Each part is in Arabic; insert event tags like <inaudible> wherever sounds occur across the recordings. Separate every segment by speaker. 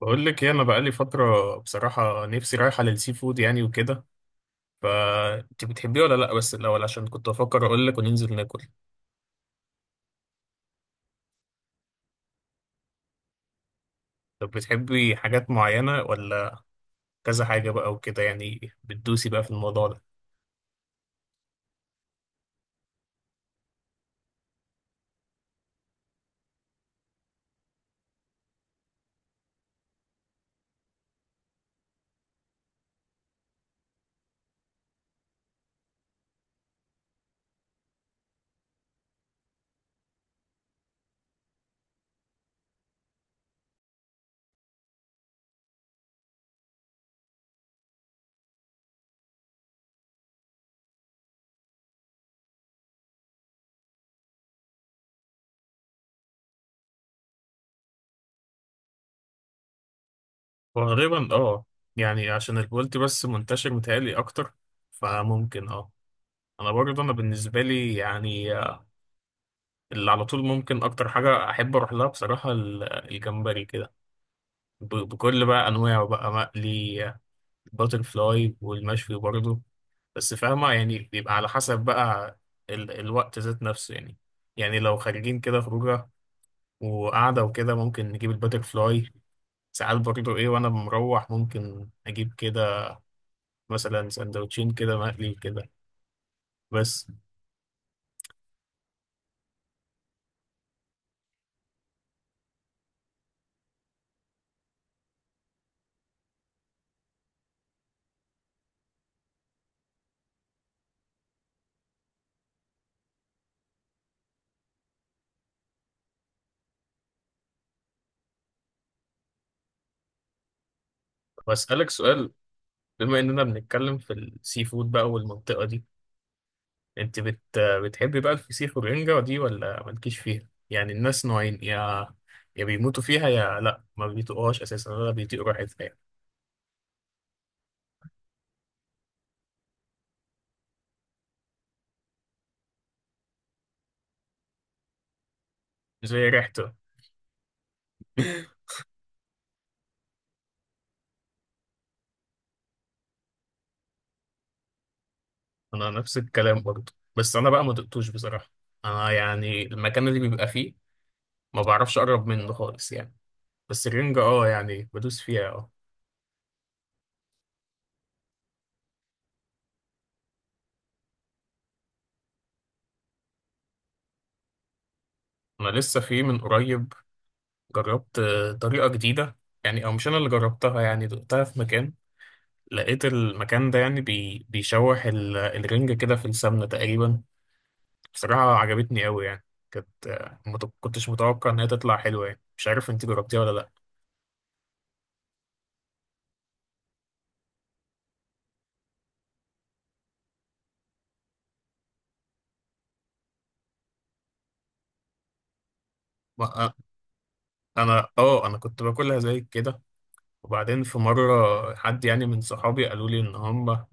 Speaker 1: بقول لك ايه، انا بقالي فتره بصراحه نفسي رايحه للسي فود يعني وكده. فانت بتحبيه ولا لا؟ بس الاول عشان كنت بفكر اقول لك وننزل ناكل. طب بتحبي حاجات معينه ولا كذا حاجه بقى وكده؟ يعني بتدوسي بقى في الموضوع ده. غالبا اه، يعني عشان البولتي بس منتشر متهيألي اكتر، فممكن اه. انا برضه، انا بالنسبه لي يعني اللي على طول ممكن اكتر حاجه احب اروح لها بصراحه الجمبري كده. بكل بقى انواعه، بقى مقلي الباتر فلاي والمشوي برضه. بس فاهمة يعني بيبقى على حسب بقى الوقت ذات نفسه يعني. يعني لو خارجين كده خروجة وقعدة وكده ممكن نجيب الباتر فلاي. ساعات برضه ايه، وانا مروح ممكن اجيب كده مثلا سندوتشين كده مقلي كده، بس. بسألك سؤال، بما اننا بنتكلم في السي فود بقى والمنطقة دي. انت بتحبي بقى الفسيخ والرنجة دي ولا مالكيش فيها؟ يعني الناس نوعين، يا بيموتوا فيها يا لا ما بيطيقوهاش اساسا ولا بيطيقوا ريحتها يعني. زي ريحته <laughs> انا نفس الكلام برضه، بس انا بقى ما دقتوش بصراحة. انا يعني المكان اللي بيبقى فيه ما بعرفش اقرب منه خالص يعني. بس الرنجة اه، يعني بدوس فيها اه. انا لسه في من قريب جربت طريقة جديدة، يعني او مش انا اللي جربتها، يعني دقتها في مكان. لقيت المكان ده يعني بيشوح الرنجة كده في السمنة تقريبا. بصراحة عجبتني قوي يعني. كانت آه، ما ت- كنتش متوقع إن هي تطلع حلوة يعني. مش عارف أنت جربتيها ولا لأ. ما- آه، أنا آه، أنا كنت باكلها زي كده، وبعدين في مرة حد يعني من صحابي قالوا لي إن هم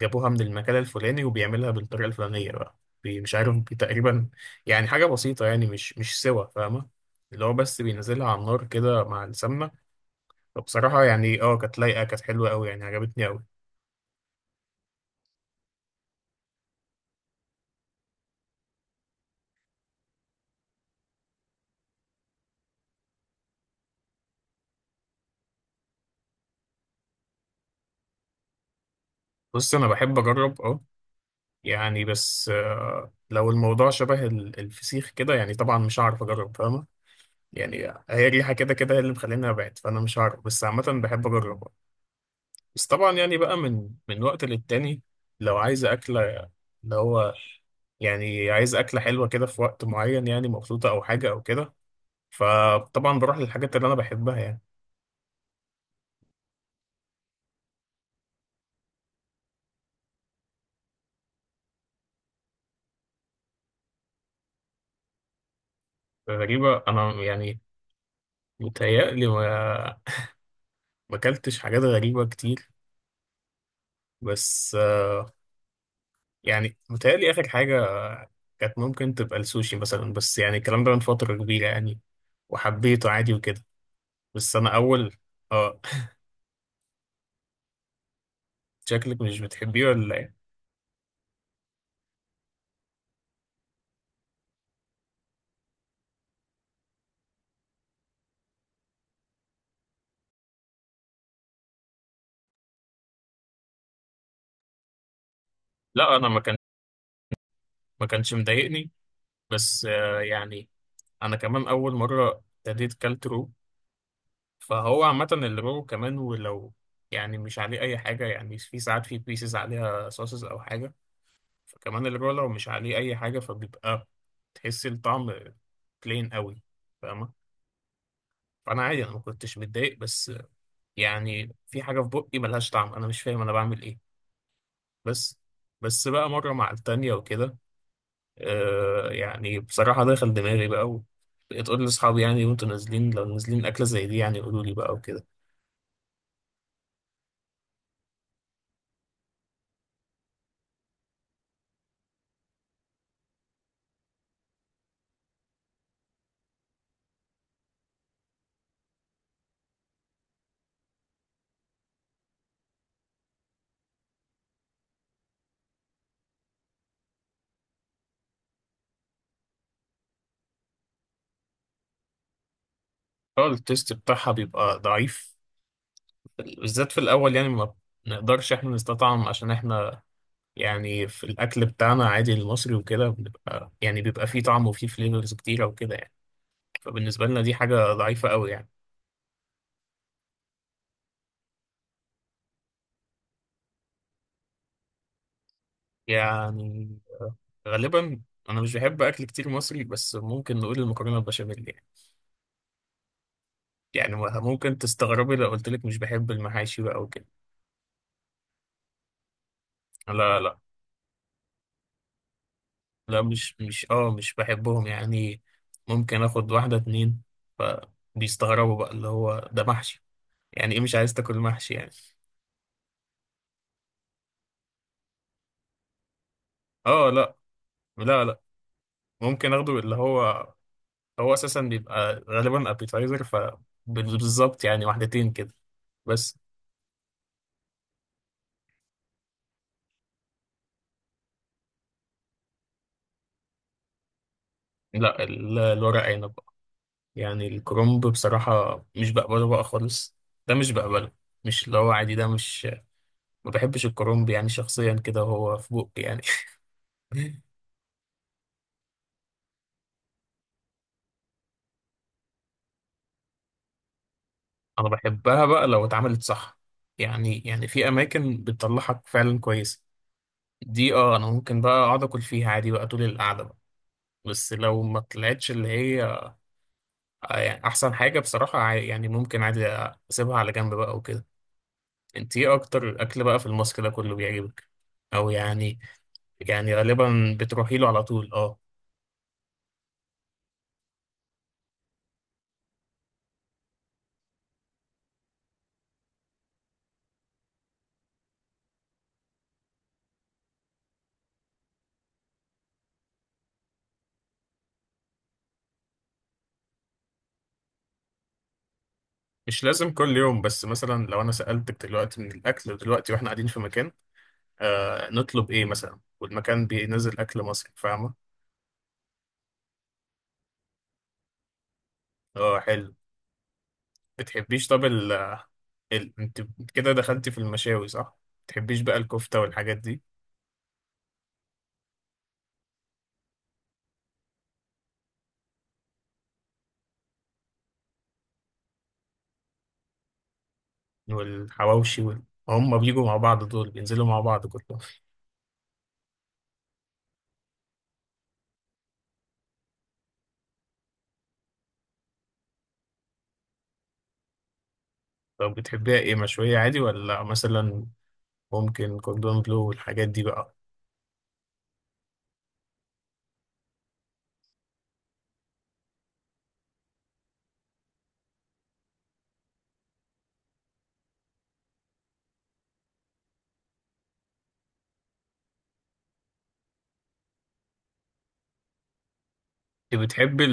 Speaker 1: جابوها من المكان الفلاني، وبيعملها بالطريقة الفلانية بقى. بي- مش عارف بي- تقريبا يعني حاجة بسيطة يعني، مش سوا فاهمة. اللي هو بس بينزلها على النار كده مع السمنة. فبصراحة يعني اه كانت لايقة، كانت حلوة أوي يعني، عجبتني أوي. بص انا بحب اجرب اه، يعني بس لو الموضوع شبه الفسيخ كده يعني، طبعا مش هعرف اجرب فاهمه يعني. هي الريحه كده كده هي اللي مخليني ابعد، فانا مش هعرف، بس عامه بحب اجرب آه. بس طبعا يعني بقى من وقت للتاني، لو عايز اكله اللي هو يعني عايز اكله حلوه كده في وقت معين، يعني مبسوطه او حاجه او كده، فطبعا بروح للحاجات اللي انا بحبها يعني. غريبه، انا يعني متهيألي ما اكلتش حاجات غريبه كتير. بس يعني متهيألي آخر حاجة كانت ممكن تبقى السوشي مثلا، بس يعني الكلام ده من فترة كبيرة يعني، وحبيته عادي وكده. بس أنا أول آه. <laughs> شكلك مش بتحبيه ولا إيه؟ لا أنا ما كان ما كانش مضايقني بس آه يعني. أنا كمان أول مرة ابتديت كلت رو، فهو عامة الرو كمان ولو يعني مش عليه أي حاجة، يعني في ساعات في بيسز عليها صوصز أو حاجة. فكمان الرو لو مش عليه أي حاجة فبيبقى تحس الطعم بلين قوي، فاهمة. فانا عادي، انا ما كنتش متضايق، بس يعني في حاجه في بقي ملهاش طعم، انا مش فاهم انا بعمل ايه. بس بس بقى مره مع التانية وكده آه، يعني بصراحه دخل دماغي بقى، بقيت اقول لاصحابي يعني وانتوا نازلين، لو نازلين اكله زي دي يعني قولوا لي بقى وكده. اه، التيست بتاعها بيبقى ضعيف، بالذات في الاول يعني، ما نقدرش احنا نستطعم عشان احنا يعني في الاكل بتاعنا عادي المصري وكده بنبقى يعني بيبقى فيه طعم وفيه فليفرز كتيره وكده يعني. فبالنسبه لنا دي حاجه ضعيفه قوي يعني. يعني آه، غالبا انا مش بحب اكل كتير مصري، بس ممكن نقول المكرونه البشاميل يعني. يعني ممكن تستغربي لو قلت لك مش بحب المحاشي بقى وكده. لا لا، مش بحبهم يعني. ممكن اخد واحده اتنين، فبيستغربوا بقى، اللي هو ده محشي يعني ايه مش عايز تاكل محشي يعني. اه لا، لا لا، ممكن اخده اللي هو، هو اساسا بيبقى غالبا ابيتايزر، فبالظبط يعني واحدتين كده بس. لا الورق عنب. يعني الكرومب بصراحة مش بقبله بقى خالص، ده مش بقبله. مش اللي هو عادي، ده مش، ما بحبش الكرومب يعني شخصيا كده، هو في بقي يعني. <laughs> أنا بحبها بقى لو اتعملت صح يعني، يعني في أماكن بتطلعك فعلا كويسة. دي اه، أنا ممكن بقى أقعد أكل فيها عادي بقى طول القعدة بقى. بس لو ما طلعتش اللي هي يعني أحسن حاجة بصراحة يعني ممكن عادي أسيبها على جنب بقى وكده. أنت إيه أكتر أكل بقى في الماسك ده كله بيعجبك، أو يعني؟ يعني غالبا بتروحي له على طول اه. مش لازم كل يوم، بس مثلا لو انا سألتك دلوقتي من الاكل دلوقتي واحنا قاعدين في مكان، آه نطلب ايه مثلا والمكان بينزل اكل مصري فاهمه؟ اه حلو. بتحبيش طب انت كده دخلتي في المشاوي صح، بتحبيش بقى الكفته والحاجات دي؟ والحواوشي هم بيجوا مع بعض دول، بينزلوا مع بعض كلهم. طب بتحبيها ايه، مشويه عادي ولا مثلا ممكن كوردون بلو والحاجات دي بقى؟ انت بتحبي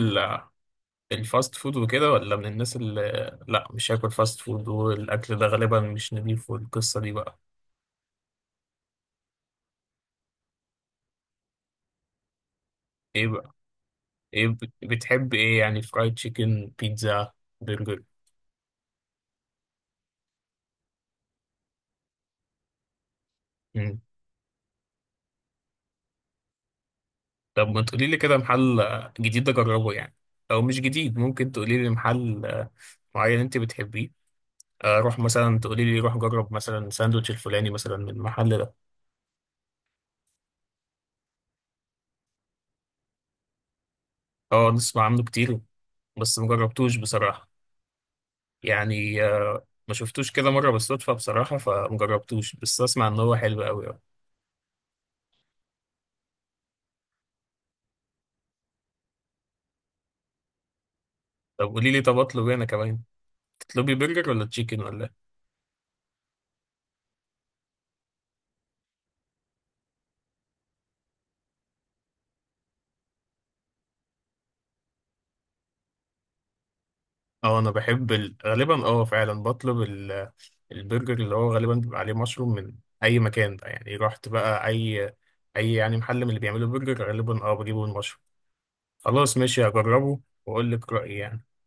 Speaker 1: الفاست فود وكده، ولا من الناس اللي لا مش هاكل فاست فود والاكل ده غالبا مش نضيف والقصه دي بقى؟ ايه بقى، ايه بتحب ايه يعني؟ فرايد تشيكن، بيتزا، برجر؟ مم. طب ما تقولي لي كده محل جديد اجربه يعني، او مش جديد، ممكن تقولي لي محل معين انت بتحبيه اروح، مثلا تقولي لي روح جرب مثلا ساندوتش الفلاني مثلا من المحل ده. اه، نسمع عنه كتير بس مجربتوش بصراحه. يعني ما شفتوش كده مرة بالصدفة بصراحة فمجربتوش، بس أسمع إن هو حلو أوي أوي. طب قولي لي، طب أطلب إيه أنا كمان؟ تطلبي برجر ولا تشيكن ولا إيه؟ أه أنا بحب غالبا أه فعلا بطلب البرجر اللي هو غالبا بيبقى عليه مشروم من أي مكان بقى. يعني رحت بقى أي أي يعني محل من اللي بيعملوا برجر غالبا أه بجيبه المشروم. خلاص ماشي، هجربه وأقول لك رأيي يعني.